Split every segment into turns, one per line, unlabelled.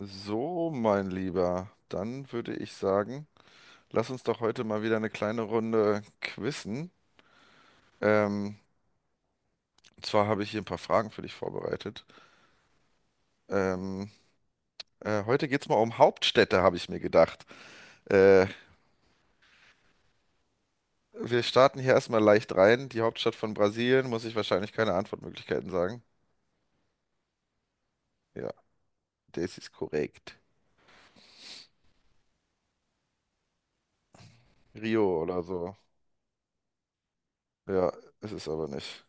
So, mein Lieber, dann würde ich sagen, lass uns doch heute mal wieder eine kleine Runde quizzen. Ähm, zwar habe ich hier ein paar Fragen für dich vorbereitet. Ähm, heute geht es mal um Hauptstädte, habe ich mir gedacht. Äh, wir starten hier erstmal leicht rein. Die Hauptstadt von Brasilien, muss ich wahrscheinlich keine Antwortmöglichkeiten sagen. Ja, das ist korrekt. Rio oder so. Ja, es ist aber nicht.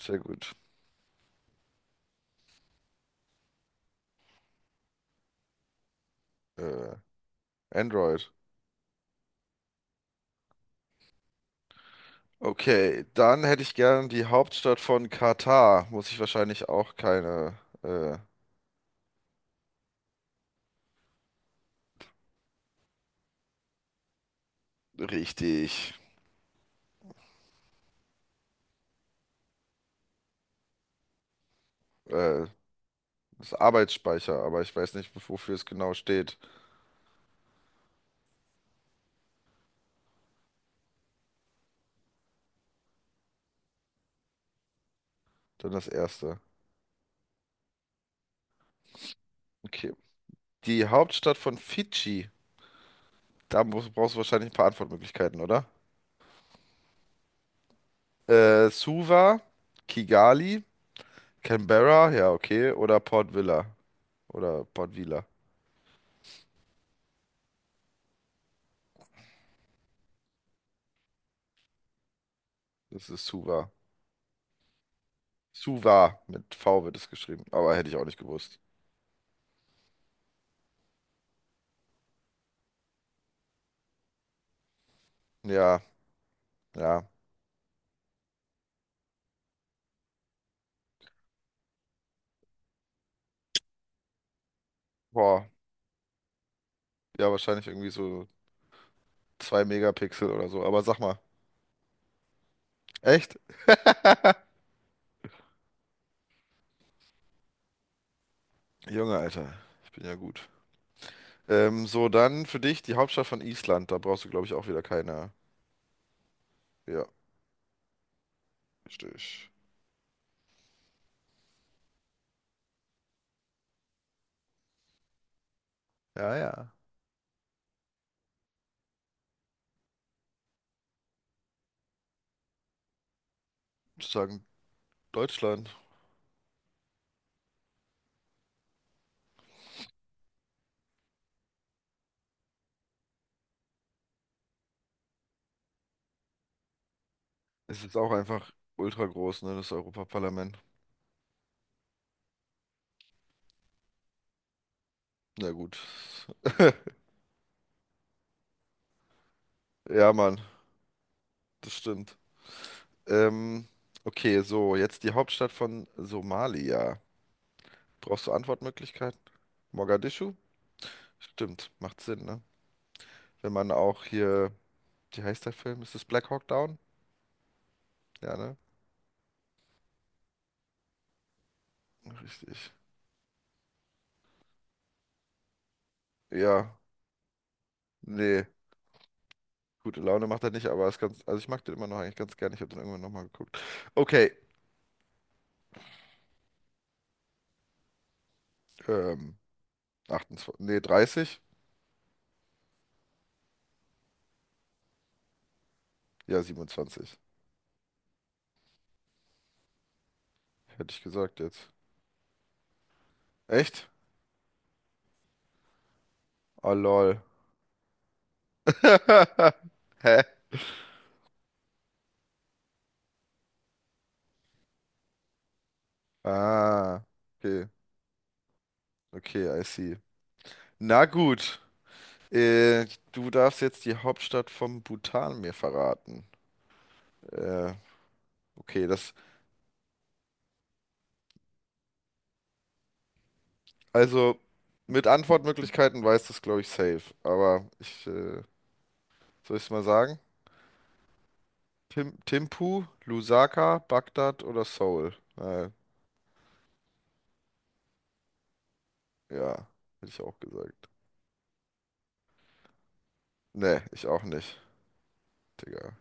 Sehr gut. Äh, Android. Okay, dann hätte ich gern die Hauptstadt von Katar. Muss ich wahrscheinlich auch keine richtig. Äh, das ist Arbeitsspeicher, aber ich weiß nicht, wofür es genau steht. Dann das erste. Okay. Die Hauptstadt von Fidschi. Da muss, brauchst du wahrscheinlich ein paar Antwortmöglichkeiten, oder? Suva, Kigali, Canberra, ja, okay. Oder Port Vila. Das ist Suva. Suva, mit V wird es geschrieben. Aber hätte ich auch nicht gewusst. Ja, ja. Boah. Ja, wahrscheinlich irgendwie so 2 Megapixel oder so. Aber sag mal, echt? Junge, Alter, ich bin ja gut. So, dann für dich die Hauptstadt von Island. Da brauchst du, glaube ich, auch wieder keine. Ja, richtig. Ja, ja. Sozusagen Deutschland. Es ist auch einfach ultra groß, ne, das Europaparlament. Na gut. Ja, Mann, das stimmt. Ähm, okay, so, jetzt die Hauptstadt von Somalia. Brauchst du Antwortmöglichkeiten? Mogadischu? Stimmt, macht Sinn, ne? Wenn man auch hier, wie heißt der Film? Ist es Black Hawk Down? Ja, ne? Richtig. Ja, nee, gute Laune macht er nicht, aber ist ganz, also ich mag den immer noch eigentlich ganz gerne. Ich habe den irgendwann nochmal geguckt. Okay, ähm, 28, nee, 30? Ja, 27 hätte ich gesagt jetzt. Echt? Oh, lol. Hä? Ah, okay, okay, I see. Na gut, äh, du darfst jetzt die Hauptstadt vom Bhutan mir verraten. Äh, okay, das, Also mit Antwortmöglichkeiten weiß das, glaube ich, safe. Aber soll ich es mal sagen? Tim, Timpu, Lusaka, Bagdad oder Seoul? Ja, hätte ich auch gesagt. Nee, ich auch nicht, Digga.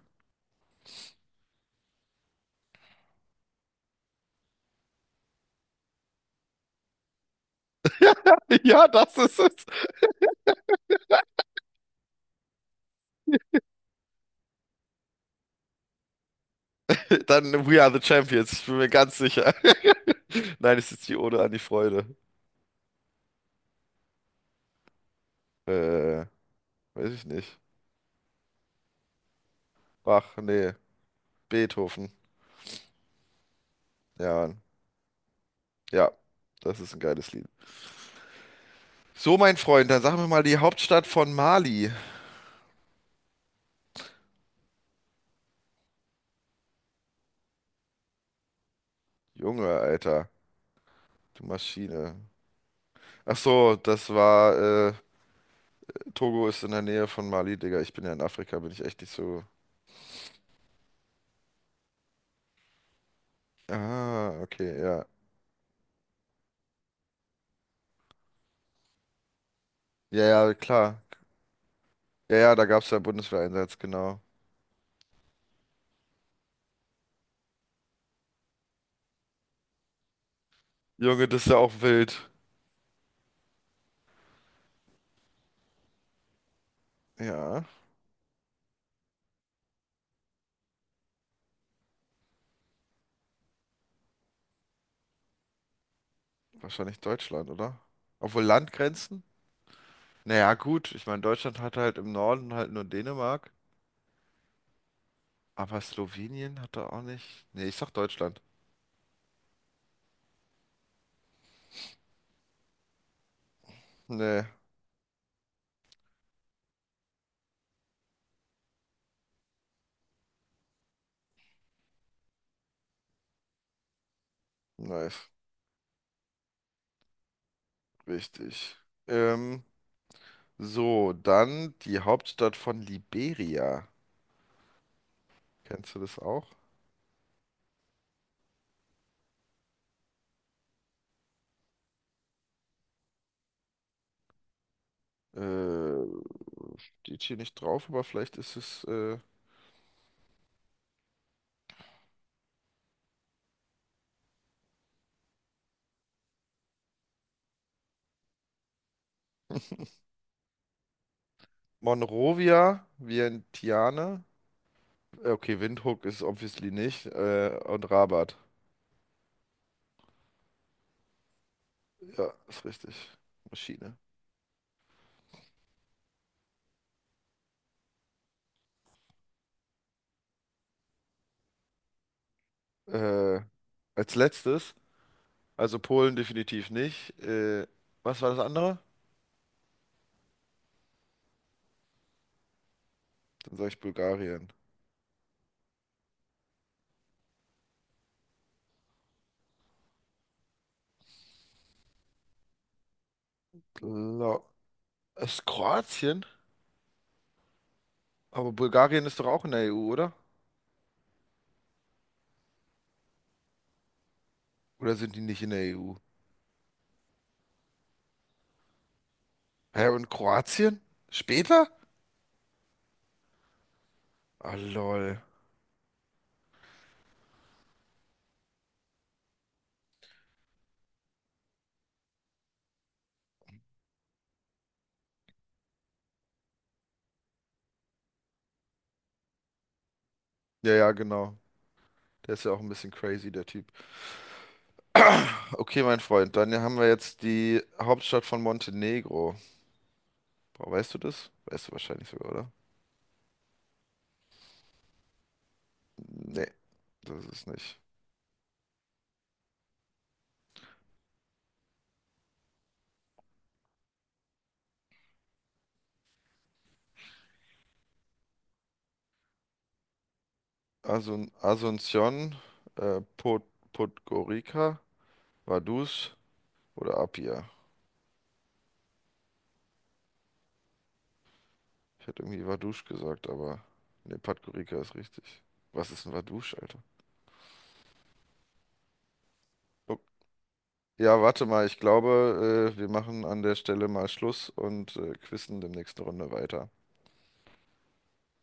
Ja, das ist es. Dann We Are the Champions, ich bin mir ganz sicher. Nein, es ist die Ode an die Freude. Äh, weiß ich nicht. Bach, nee, Beethoven. Ja, Mann. Ja, das ist ein geiles Lied. So, mein Freund, dann sag mir mal die Hauptstadt von Mali. Junge, Alter, du Maschine. Ach so, das war, äh, Togo ist in der Nähe von Mali, Digga. Ich bin ja in Afrika, bin ich echt nicht so. Ah, okay, ja. Ja, ja, klar. Ja, ja, da gab's ja einen Bundeswehreinsatz, genau. Junge, das ist ja auch wild. Ja, wahrscheinlich Deutschland, oder? Obwohl Landgrenzen? Naja, gut, ich meine, Deutschland hatte halt im Norden halt nur Dänemark, aber Slowenien hat da auch nicht. Nee, ich sag Deutschland. Nee, nice, richtig. Ähm. So, dann die Hauptstadt von Liberia. Kennst du das auch? Äh, steht hier nicht drauf, aber vielleicht ist es Monrovia, Vientiane. Okay, Windhoek ist obviously nicht. Und Rabat. Ja, ist richtig. Maschine. Äh, als letztes, also Polen definitiv nicht. Was war das andere? Dann sage ich Bulgarien. Gla- ist Kroatien? Aber Bulgarien ist doch auch in der EU, oder? Oder sind die nicht in der EU? Hä, und Kroatien? Später? Ah, lol. Ja, ja, genau. Der ist ja auch ein bisschen crazy, der Typ. Okay, mein Freund, dann haben wir jetzt die Hauptstadt von Montenegro. Boah, weißt du das? Weißt du wahrscheinlich sogar, oder? Nee, das ist nicht. Asunción, äh, Pod Podgorica, Vaduz oder Apia. Ich hätte irgendwie Vaduz gesagt, aber nee, Podgorica ist richtig. Was ist ein Vaduz, Alter? Oh, ja, warte mal, ich glaube, wir machen an der Stelle mal Schluss und quissen demnächst eine Runde weiter.